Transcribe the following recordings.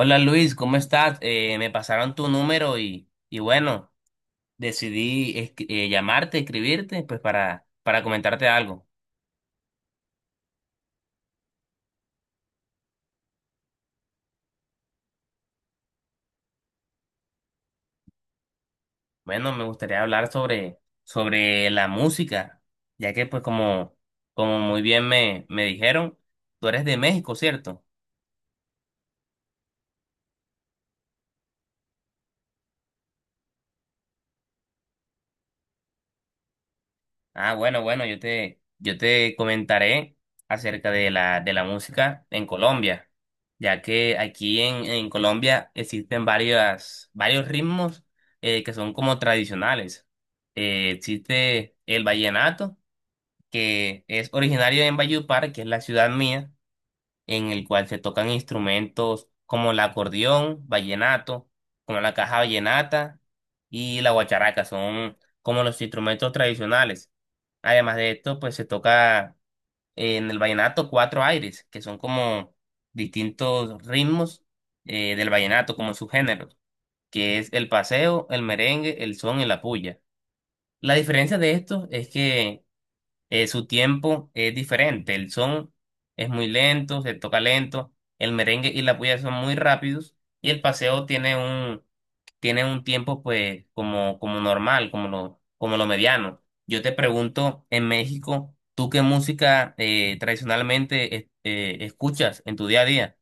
Hola Luis, ¿cómo estás? Me pasaron tu número y bueno, llamarte, escribirte, pues para comentarte algo. Bueno, me gustaría hablar sobre la música, ya que pues como muy bien me dijeron, tú eres de México, ¿cierto? Ah, bueno, bueno, yo te comentaré acerca de de la música en Colombia, ya que en Colombia existen varios ritmos que son como tradicionales. Existe el vallenato, que es originario en Valledupar, que es la ciudad mía, en el cual se tocan instrumentos como el acordeón, vallenato, como la caja vallenata y la guacharaca, son como los instrumentos tradicionales. Además de esto, pues se toca en el vallenato cuatro aires, que son como distintos ritmos del vallenato, como subgéneros, que es el paseo, el merengue, el son y la puya. La diferencia de estos es que su tiempo es diferente. El son es muy lento, se toca lento, el merengue y la puya son muy rápidos, y el paseo tienen un tiempo pues como, como normal, como lo mediano. Yo te pregunto, en México, ¿tú qué música escuchas en tu día a día?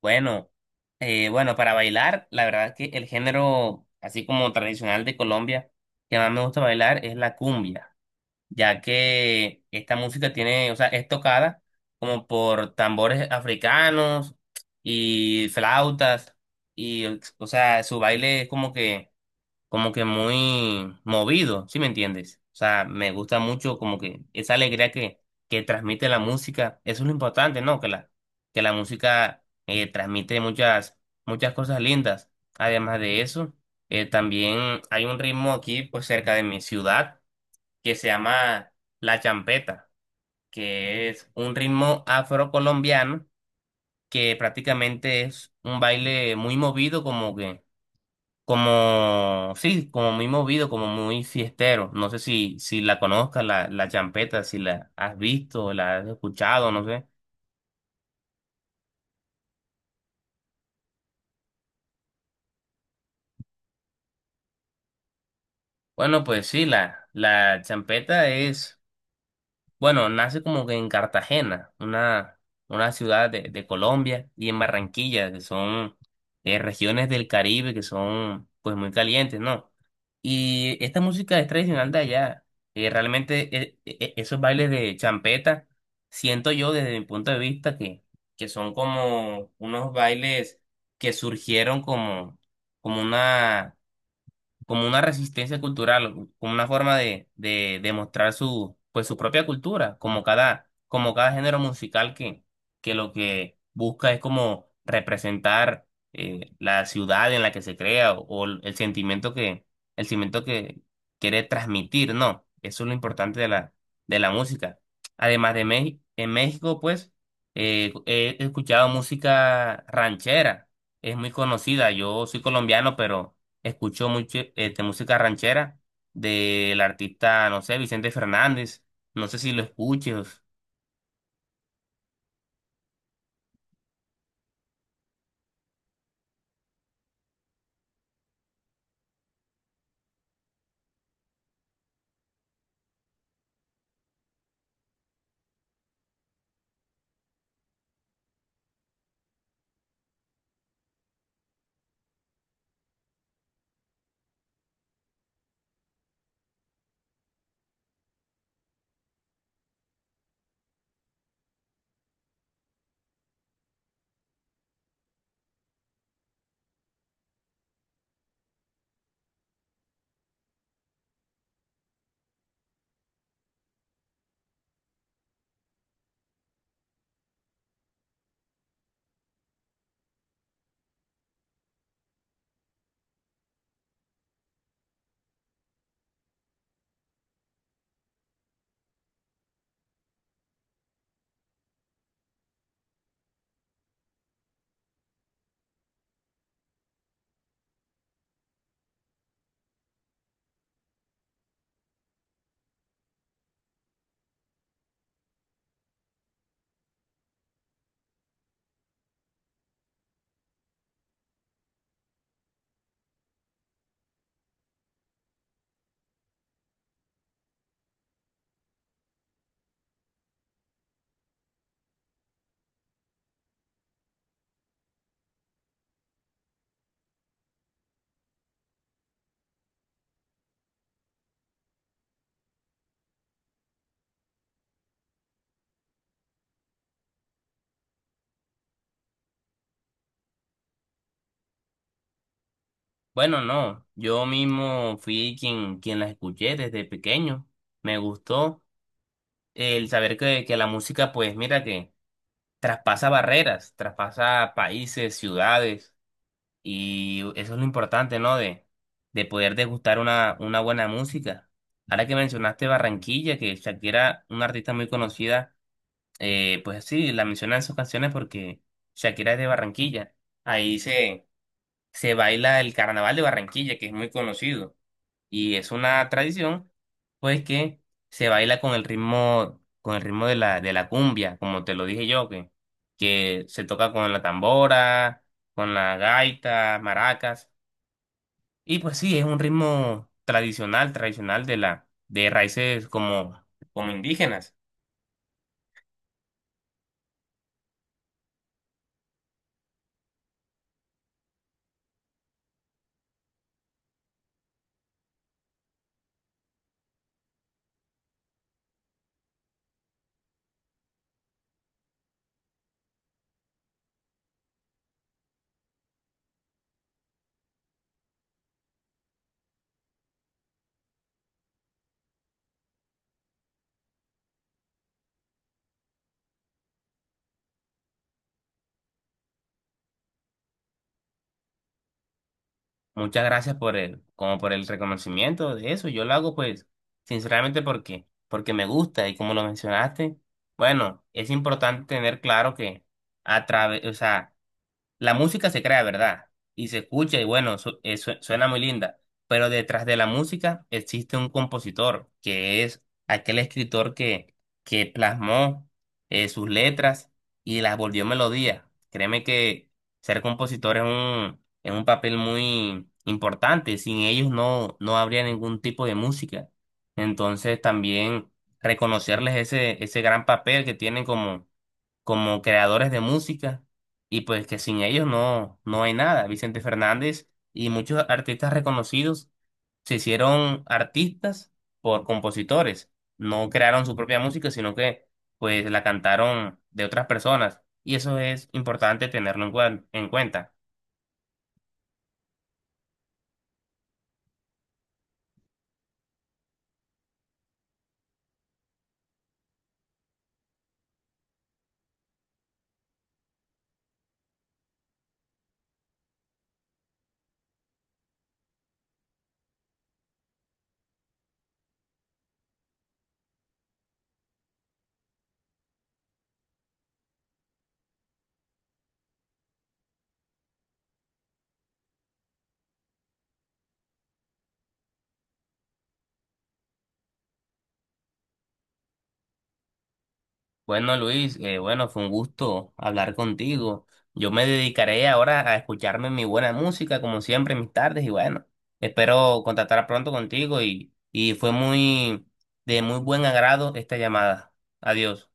Bueno, bueno, para bailar, la verdad es que el género, así como tradicional de Colombia, que más me gusta bailar es la cumbia, ya que esta música tiene, o sea, es tocada como por tambores africanos y flautas, y, o sea, su baile es como que muy movido, ¿sí me entiendes? O sea, me gusta mucho como que esa alegría que transmite la música, eso es lo importante, ¿no? Que la música transmite muchas cosas lindas. Además de eso, también hay un ritmo aquí, pues cerca de mi ciudad, que se llama la champeta, que es un ritmo afrocolombiano que prácticamente es un baile muy movido, como que como, sí, como muy movido, como muy fiestero. No sé si la conozcas, la champeta, si la has visto, la has escuchado, no sé. Bueno, pues sí, la champeta es bueno, nace como que en Cartagena, una ciudad de Colombia, y en Barranquilla, que son regiones del Caribe que son pues muy calientes, ¿no? Y esta música es tradicional de allá. Realmente esos bailes de champeta, siento yo desde mi punto de vista que son como unos bailes que surgieron como una como una resistencia cultural, como una forma de mostrar su, pues, su propia cultura, como cada género musical que lo que busca es como representar la ciudad en la que se crea o el sentimiento el sentimiento que quiere transmitir, ¿no? Eso es lo importante de la música. Además de México, en México, pues, he escuchado música ranchera, es muy conocida, yo soy colombiano, pero escucho mucho este, música ranchera del artista, no sé, Vicente Fernández. No sé si lo escuches. Bueno, no, yo mismo fui quien las escuché desde pequeño. Me gustó el saber que la música, pues mira, que traspasa barreras, traspasa países, ciudades, y eso es lo importante, ¿no? De poder degustar una buena música. Ahora que mencionaste Barranquilla, que Shakira, una artista muy conocida, pues sí, la mencionan en sus canciones porque Shakira es de Barranquilla. Ahí se, se baila el carnaval de Barranquilla, que es muy conocido. Y es una tradición, pues, que se baila con el ritmo de de la cumbia, como te lo dije yo, que se toca con la tambora, con la gaita, maracas. Y pues sí, es un ritmo tradicional, tradicional de la, de raíces como, como indígenas. Muchas gracias por el, como por el reconocimiento de eso. Yo lo hago pues sinceramente porque me gusta y como lo mencionaste, bueno, es importante tener claro que a través, o sea, la música se crea, ¿verdad? Y se escucha y bueno, suena muy linda, pero detrás de la música existe un compositor, que es aquel escritor que plasmó sus letras y las volvió melodía. Créeme que ser compositor es es un papel muy importante, sin ellos no habría ningún tipo de música. Entonces también reconocerles ese gran papel que tienen como creadores de música y pues que sin ellos no hay nada. Vicente Fernández y muchos artistas reconocidos se hicieron artistas por compositores, no crearon su propia música, sino que pues la cantaron de otras personas y eso es importante tenerlo en cuenta. Bueno, Luis, bueno, fue un gusto hablar contigo. Yo me dedicaré ahora a escucharme mi buena música, como siempre, en mis tardes, y bueno, espero contactar pronto contigo y fue muy de muy buen agrado esta llamada. Adiós.